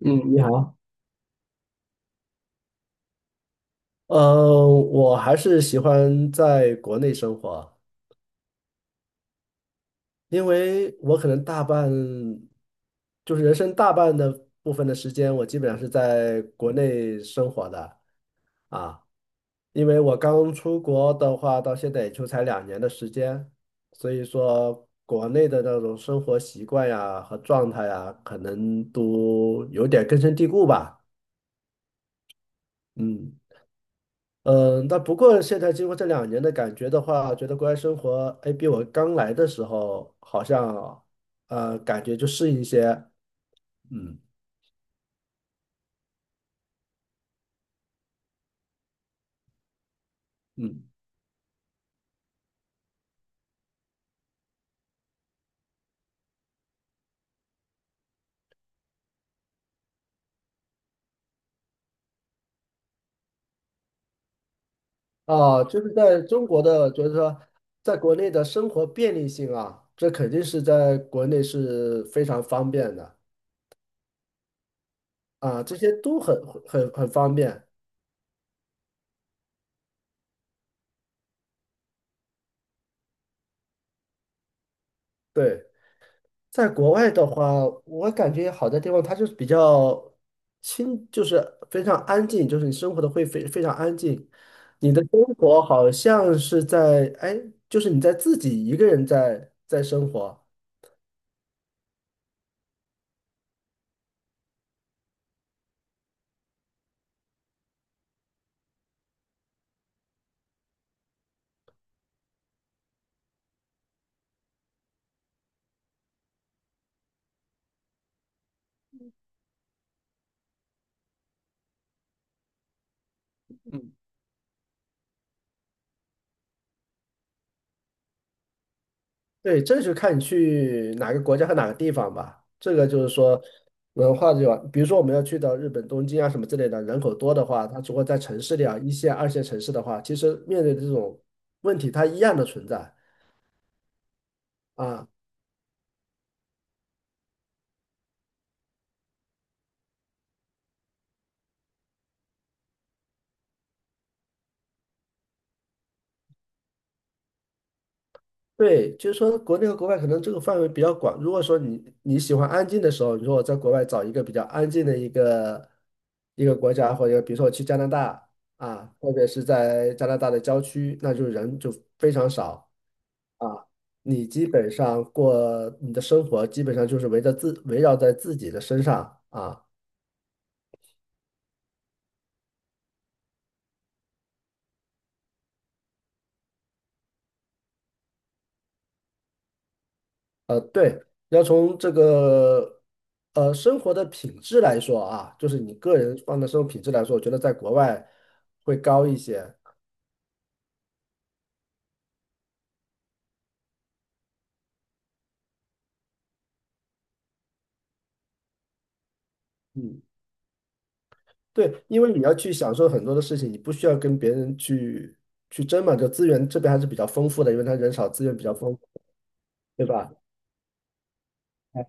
嗯，你好。我还是喜欢在国内生活，因为我可能大半，就是人生大半的部分的时间，我基本上是在国内生活的啊。因为我刚出国的话，到现在也就才两年的时间，所以说国内的那种生活习惯呀和状态呀，可能都有点根深蒂固吧。嗯。嗯，那不过现在经过这两年的感觉的话，觉得国外生活，哎，比我刚来的时候好像，感觉就适应一些。嗯嗯，啊，就是在中国的，就是说，在国内的生活便利性啊，这肯定是在国内是非常方便的啊，这些都很很方便。对，在国外的话，我感觉好的地方，它就是比较清，就是非常安静，就是你生活的会非常安静。你的生活好像是在，哎，就是你在自己一个人在生活。嗯，对，这就看你去哪个国家和哪个地方吧。这个就是说文化的话，比如说我们要去到日本东京啊什么之类的，人口多的话，它如果在城市里啊，一线、二线城市的话，其实面对的这种问题，它一样的存在啊。对，就是说国内和国外可能这个范围比较广。如果说你喜欢安静的时候，你说我在国外找一个比较安静的一个国家，或者比如说我去加拿大啊，特别是在加拿大的郊区，那就人就非常少啊。你基本上过你的生活，基本上就是围绕在自己的身上啊。呃，对，要从这个生活的品质来说啊，就是你个人放的生活品质来说，我觉得在国外会高一些。嗯，对，因为你要去享受很多的事情，你不需要跟别人去争嘛，就资源这边还是比较丰富的，因为他人少，资源比较丰富，对吧？哎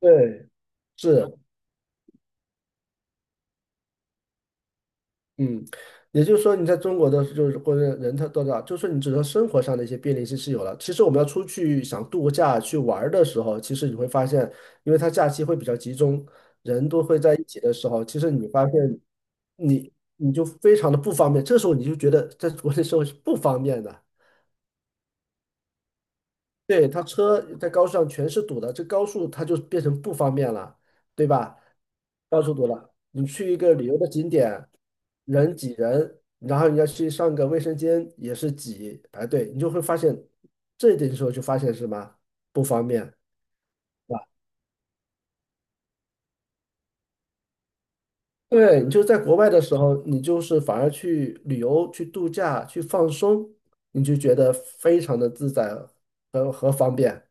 对，是，嗯，也就是说，你在中国的就是或者人他多少，就是你只能生活上的一些便利性是有了。其实我们要出去想度个假去玩儿的时候，其实你会发现，因为他假期会比较集中，人都会在一起的时候，其实你发现你就非常的不方便。这时候你就觉得在国内生活是不方便的。对，他车在高速上全是堵的，这高速它就变成不方便了，对吧？到处堵了，你去一个旅游的景点，人挤人，然后你要去上个卫生间也是挤排队，你就会发现这一点的时候就发现什么不方便，是吧？对，你就在国外的时候，你就是反而去旅游、去度假、去放松，你就觉得非常的自在。方便。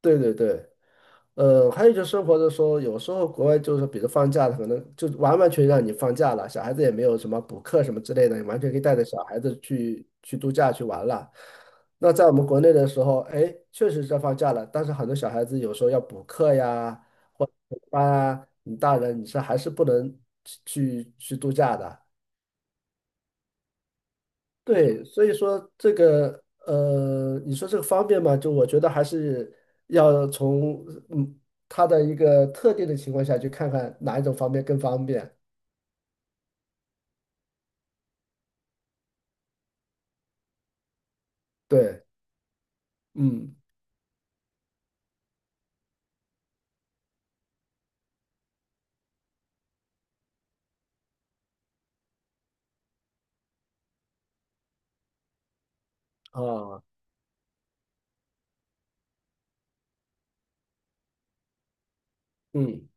对对对。呃，还有就是生活的时候，有时候国外就是，比如放假了，可能就完完全让你放假了，小孩子也没有什么补课什么之类的，你完全可以带着小孩子去度假去玩了。那在我们国内的时候，哎，确实在放假了，但是很多小孩子有时候要补课呀、班啊，你大人你是还是不能去度假的。对，所以说这个你说这个方便嘛，就我觉得还是要从嗯它的一个特定的情况下去看看哪一种方便更方便。对，嗯，啊。嗯。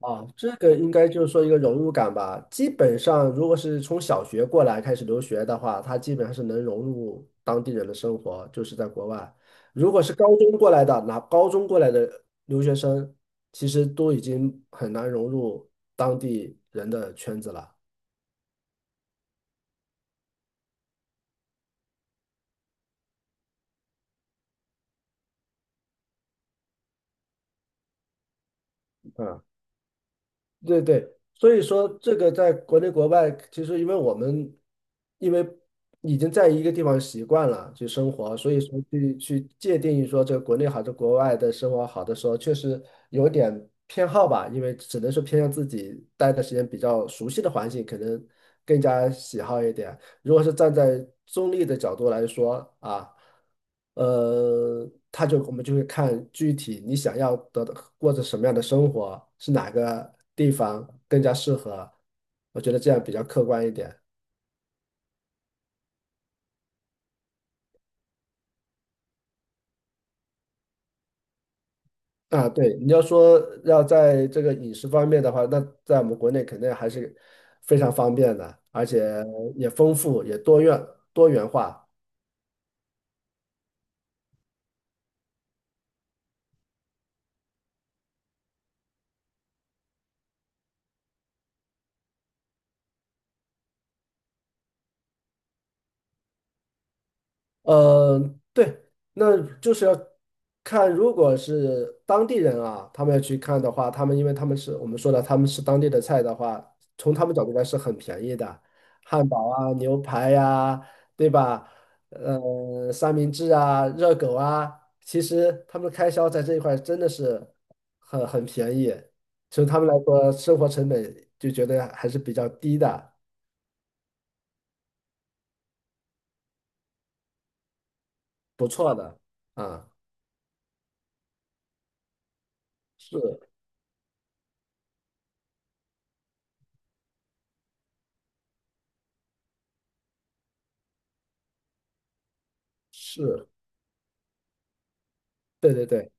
啊，这个应该就是说一个融入感吧。基本上，如果是从小学过来开始留学的话，他基本上是能融入当地人的生活，就是在国外。如果是高中过来的，拿高中过来的留学生，其实都已经很难融入当地人的圈子了。嗯。对对，所以说这个在国内国外，其实因为我们因为已经在一个地方习惯了去生活，所以说去界定说这个国内好的国外的生活好的时候，确实有点偏好吧，因为只能是偏向自己待的时间比较熟悉的环境，可能更加喜好一点。如果是站在中立的角度来说啊，他就我们就会看具体你想要得到过着什么样的生活，是哪个地方更加适合。我觉得这样比较客观一点啊。对，你要说要在这个饮食方面的话，那在我们国内肯定还是非常方便的，而且也丰富，也多元化。呃，对，那就是要看，如果是当地人啊，他们要去看的话，他们因为他们是我们说的，他们是当地的菜的话，从他们角度来是很便宜的，汉堡啊、牛排呀、对吧？呃，三明治啊、热狗啊，其实他们的开销在这一块真的是很便宜，从他们来说，生活成本就觉得还是比较低的，不错的啊，是是，对对对。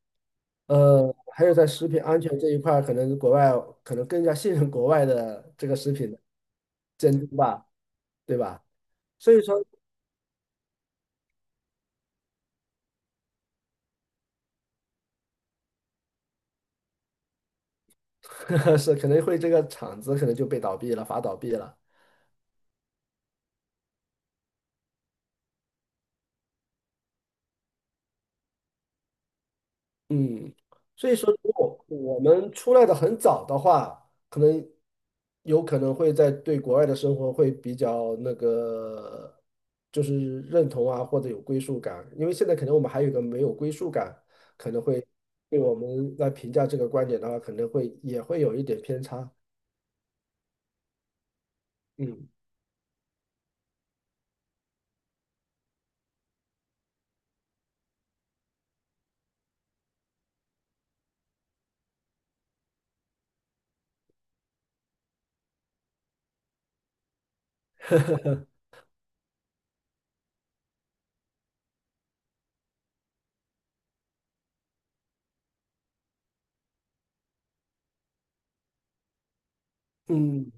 呃，还有在食品安全这一块儿可能国外可能更加信任国外的这个食品的监督吧，对吧？所以说 是可能会这个厂子可能就被倒闭了，罚倒闭了。嗯，所以说，如果我们出来的很早的话，可能有可能会在对国外的生活会比较那个，就是认同啊，或者有归属感。因为现在可能我们还有一个没有归属感，可能会对我们来评价这个观点的话，可能会也会有一点偏差。嗯嗯，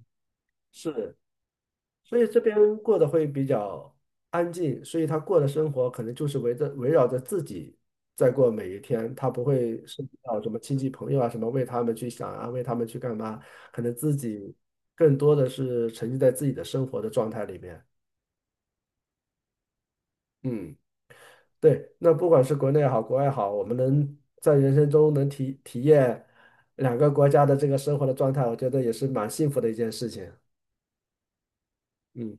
是。所以这边过得会比较安静，所以他过的生活可能就是围绕着自己在过每一天，他不会涉及到什么亲戚朋友啊，什么为他们去想啊，为他们去干嘛，可能自己更多的是沉浸在自己的生活的状态里面。嗯，对，那不管是国内也好，国外也好，我们能在人生中能体验两个国家的这个生活的状态，我觉得也是蛮幸福的一件事情。嗯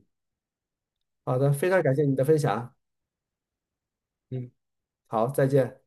好的，非常感谢你的分享。嗯，好，再见。